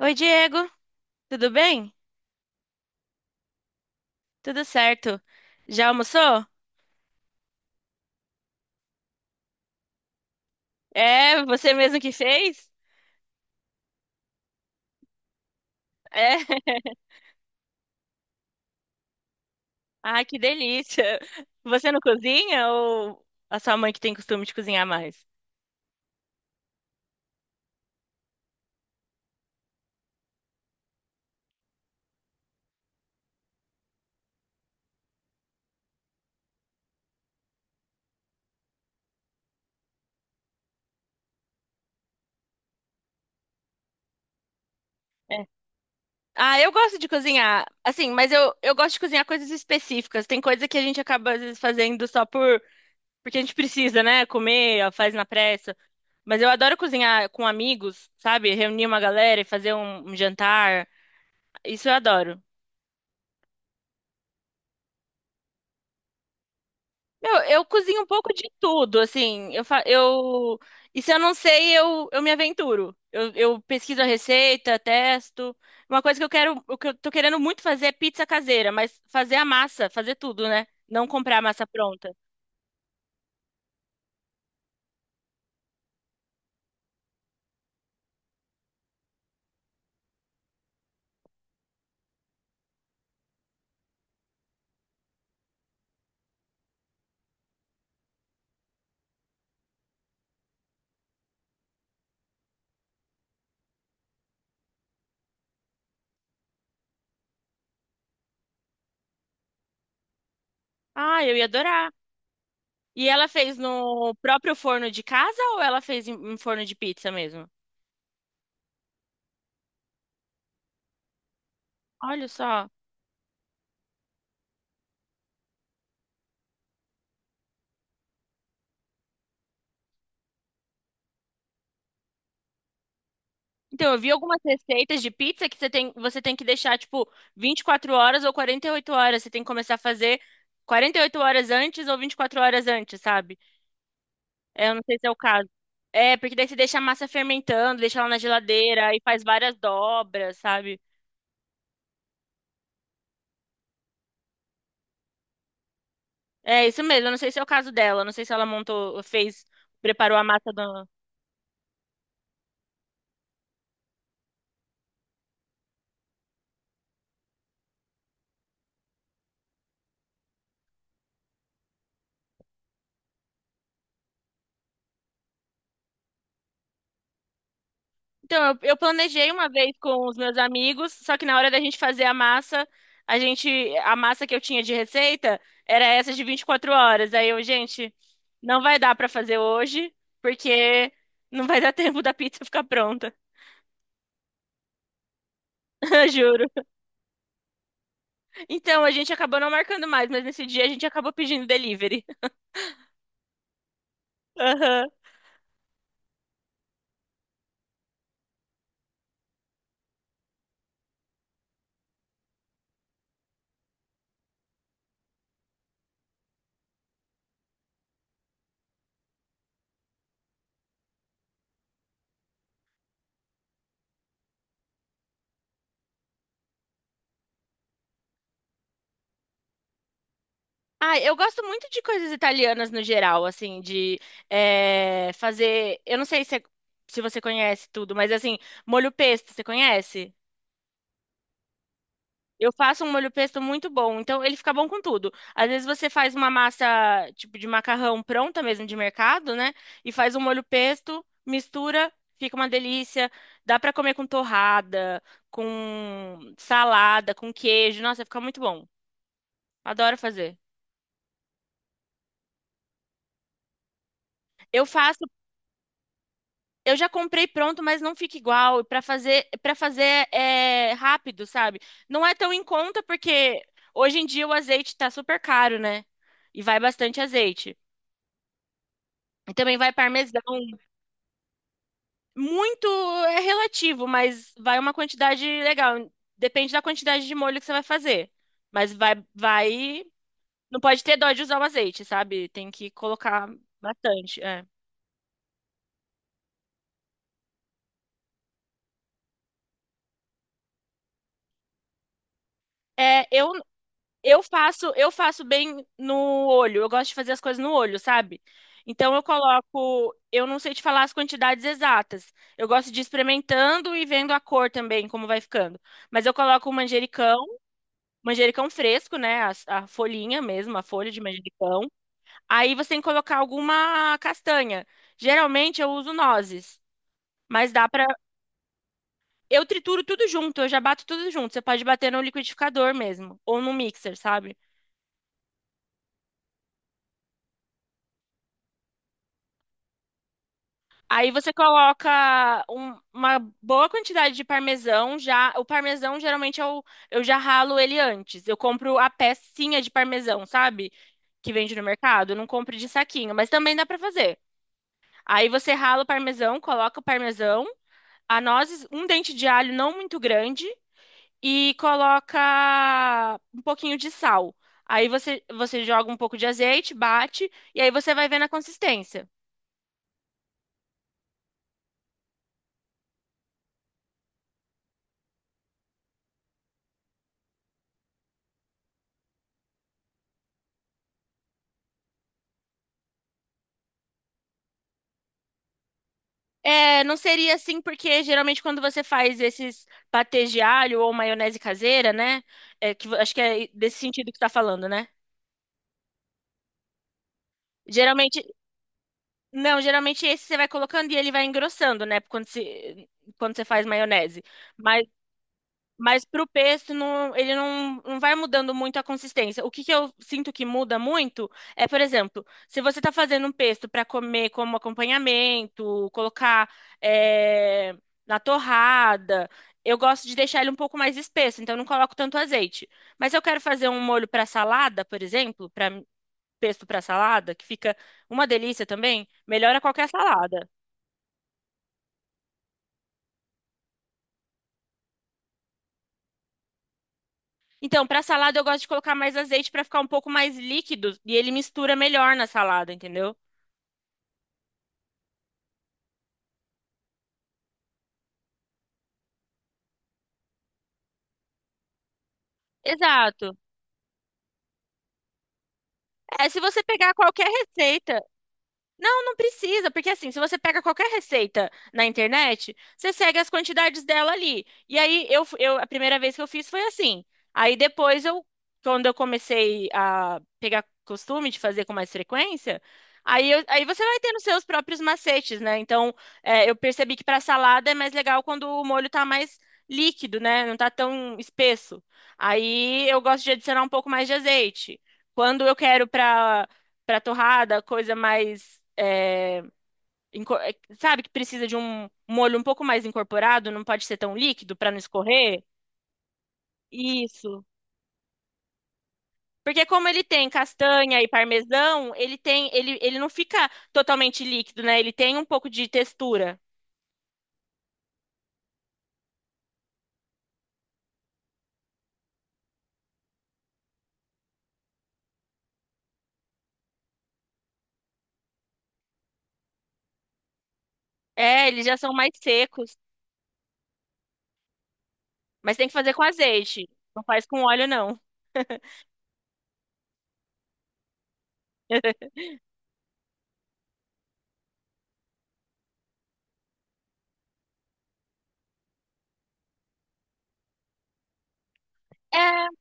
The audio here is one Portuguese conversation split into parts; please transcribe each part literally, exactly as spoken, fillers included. Oi, Diego, tudo bem? Tudo certo. Já almoçou? É, você mesmo que fez? É. Ah, que delícia. Você não cozinha ou a sua mãe que tem costume de cozinhar mais? É. Ah, eu gosto de cozinhar, assim, mas eu, eu gosto de cozinhar coisas específicas. Tem coisa que a gente acaba às vezes fazendo só por porque a gente precisa, né? Comer, ó, faz na pressa. Mas eu adoro cozinhar com amigos, sabe? Reunir uma galera e fazer um um jantar. Isso eu adoro. Meu, eu cozinho um pouco de tudo, assim, eu, fa- eu, e se eu não sei, eu, eu me aventuro. Eu, eu pesquiso a receita, testo. Uma coisa que eu quero, o que eu tô querendo muito fazer é pizza caseira, mas fazer a massa, fazer tudo, né? Não comprar a massa pronta. Ah, eu ia adorar. E ela fez no próprio forno de casa ou ela fez em em forno de pizza mesmo? Olha só. Então, eu vi algumas receitas de pizza que você tem, você tem que deixar, tipo, vinte e quatro horas ou quarenta e oito horas. Você tem que começar a fazer quarenta e oito horas antes ou vinte e quatro horas antes, sabe? É, eu não sei se é o caso. É, porque daí você deixa a massa fermentando, deixa ela na geladeira e faz várias dobras, sabe? É isso mesmo. Eu não sei se é o caso dela. Eu não sei se ela montou, fez, preparou a massa do. Então, eu, eu planejei uma vez com os meus amigos, só que na hora da gente fazer a massa, a gente, a massa que eu tinha de receita era essa de vinte e quatro horas. Aí eu, gente, não vai dar pra fazer hoje, porque não vai dar tempo da pizza ficar pronta, juro. Então, a gente acabou não marcando mais, mas nesse dia a gente acabou pedindo delivery. Aham. Ah, eu gosto muito de coisas italianas no geral, assim, de eh, fazer. Eu não sei se, é- se você conhece tudo, mas assim, molho pesto, você conhece? Eu faço um molho pesto muito bom, então ele fica bom com tudo. Às vezes você faz uma massa tipo de macarrão pronta mesmo de mercado, né? E faz um molho pesto, mistura, fica uma delícia. Dá pra comer com torrada, com salada, com queijo. Nossa, fica muito bom. Adoro fazer. Eu faço, eu já comprei pronto, mas não fica igual. E para fazer, para fazer é rápido, sabe? Não é tão em conta porque hoje em dia o azeite tá super caro, né? E vai bastante azeite. E também vai parmesão. Muito é relativo, mas vai uma quantidade legal. Depende da quantidade de molho que você vai fazer. Mas vai, vai. Não pode ter dó de usar o azeite, sabe? Tem que colocar bastante. É, É, eu, eu faço, eu faço bem no olho. Eu gosto de fazer as coisas no olho, sabe? Então eu coloco. Eu não sei te falar as quantidades exatas. Eu gosto de ir experimentando e vendo a cor também, como vai ficando. Mas eu coloco o manjericão. Manjericão fresco, né? A, a folhinha mesmo, a folha de manjericão. Aí você tem que colocar alguma castanha. Geralmente eu uso nozes, mas dá pra. Eu trituro tudo junto, eu já bato tudo junto. Você pode bater no liquidificador mesmo, ou no mixer, sabe? Aí você coloca um- uma boa quantidade de parmesão. Já o parmesão geralmente eu, eu já ralo ele antes. Eu compro a pecinha de parmesão, sabe? Que vende no mercado. Eu não compro de saquinho, mas também dá pra fazer. Aí você rala o parmesão, coloca o parmesão, a nozes, um dente de alho não muito grande e coloca um pouquinho de sal. Aí você, você joga um pouco de azeite, bate e aí você vai vendo a consistência. É, não seria assim, porque geralmente quando você faz esses patês de alho ou maionese caseira, né? É, que, vo- acho que é desse sentido que tá falando, né? Geralmente, não, geralmente esse você vai colocando e ele vai engrossando, né? Quando, se, quando você faz maionese. Mas Mas para o pesto, não- ele não, não vai mudando muito a consistência. O que que eu sinto que muda muito é, por exemplo, se você está fazendo um pesto para comer como acompanhamento, colocar é, na torrada, eu gosto de deixar ele um pouco mais espesso, então eu não coloco tanto azeite. Mas se eu quero fazer um molho para salada, por exemplo, para pesto para salada, que fica uma delícia também, melhora qualquer salada. Então, para salada eu gosto de colocar mais azeite para ficar um pouco mais líquido e ele mistura melhor na salada, entendeu? Exato. É, se você pegar qualquer receita. Não, não precisa, porque assim, se você pega qualquer receita na internet, você segue as quantidades dela ali. E aí, eu, fu- eu, a primeira vez que eu fiz foi assim. Aí depois eu, quando eu comecei a pegar costume de fazer com mais frequência, aí, eu- aí você vai tendo seus próprios macetes, né? Então, é, eu percebi que para salada é mais legal quando o molho tá mais líquido, né? Não tá tão espesso. Aí eu gosto de adicionar um pouco mais de azeite. Quando eu quero para para torrada, coisa mais, é, inco- é, sabe, que precisa de um molho um pouco mais incorporado, não pode ser tão líquido para não escorrer. Isso. Porque como ele tem castanha e parmesão, ele tem, ele, ele não fica totalmente líquido, né? Ele tem um pouco de textura. É, eles já são mais secos, mas tem que fazer com azeite. Não faz com óleo, não. É,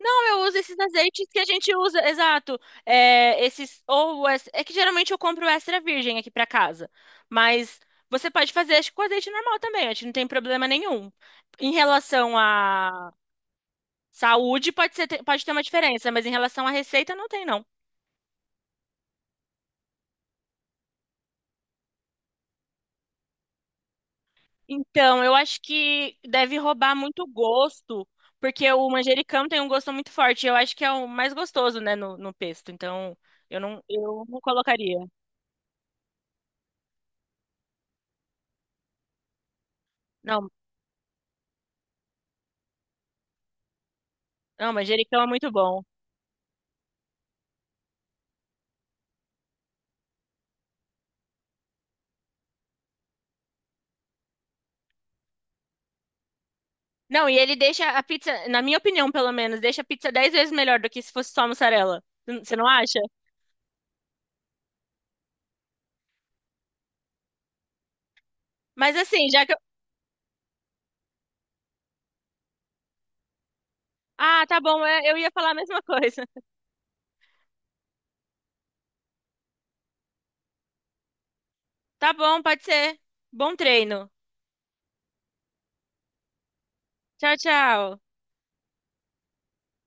não, eu uso esses azeites que a gente usa, exato. É, esses ou es- é que geralmente eu compro extra virgem aqui pra casa, mas você pode fazer acho que com azeite normal também, acho que não tem problema nenhum. Em relação à saúde, pode ser, pode ter uma diferença, mas em relação à receita não tem não. Então, eu acho que deve roubar muito gosto, porque o manjericão tem um gosto muito forte. Eu acho que é o mais gostoso, né, no, no pesto. Então, eu não, eu não colocaria. Não, não, manjericão é muito bom. Não, e ele deixa a pizza, na minha opinião, pelo menos, deixa a pizza dez vezes melhor do que se fosse só mussarela. Você não acha? Mas assim, já que eu... Ah, tá bom, é, eu ia falar a mesma coisa. Tá bom, pode ser. Bom treino. Tchau, tchau.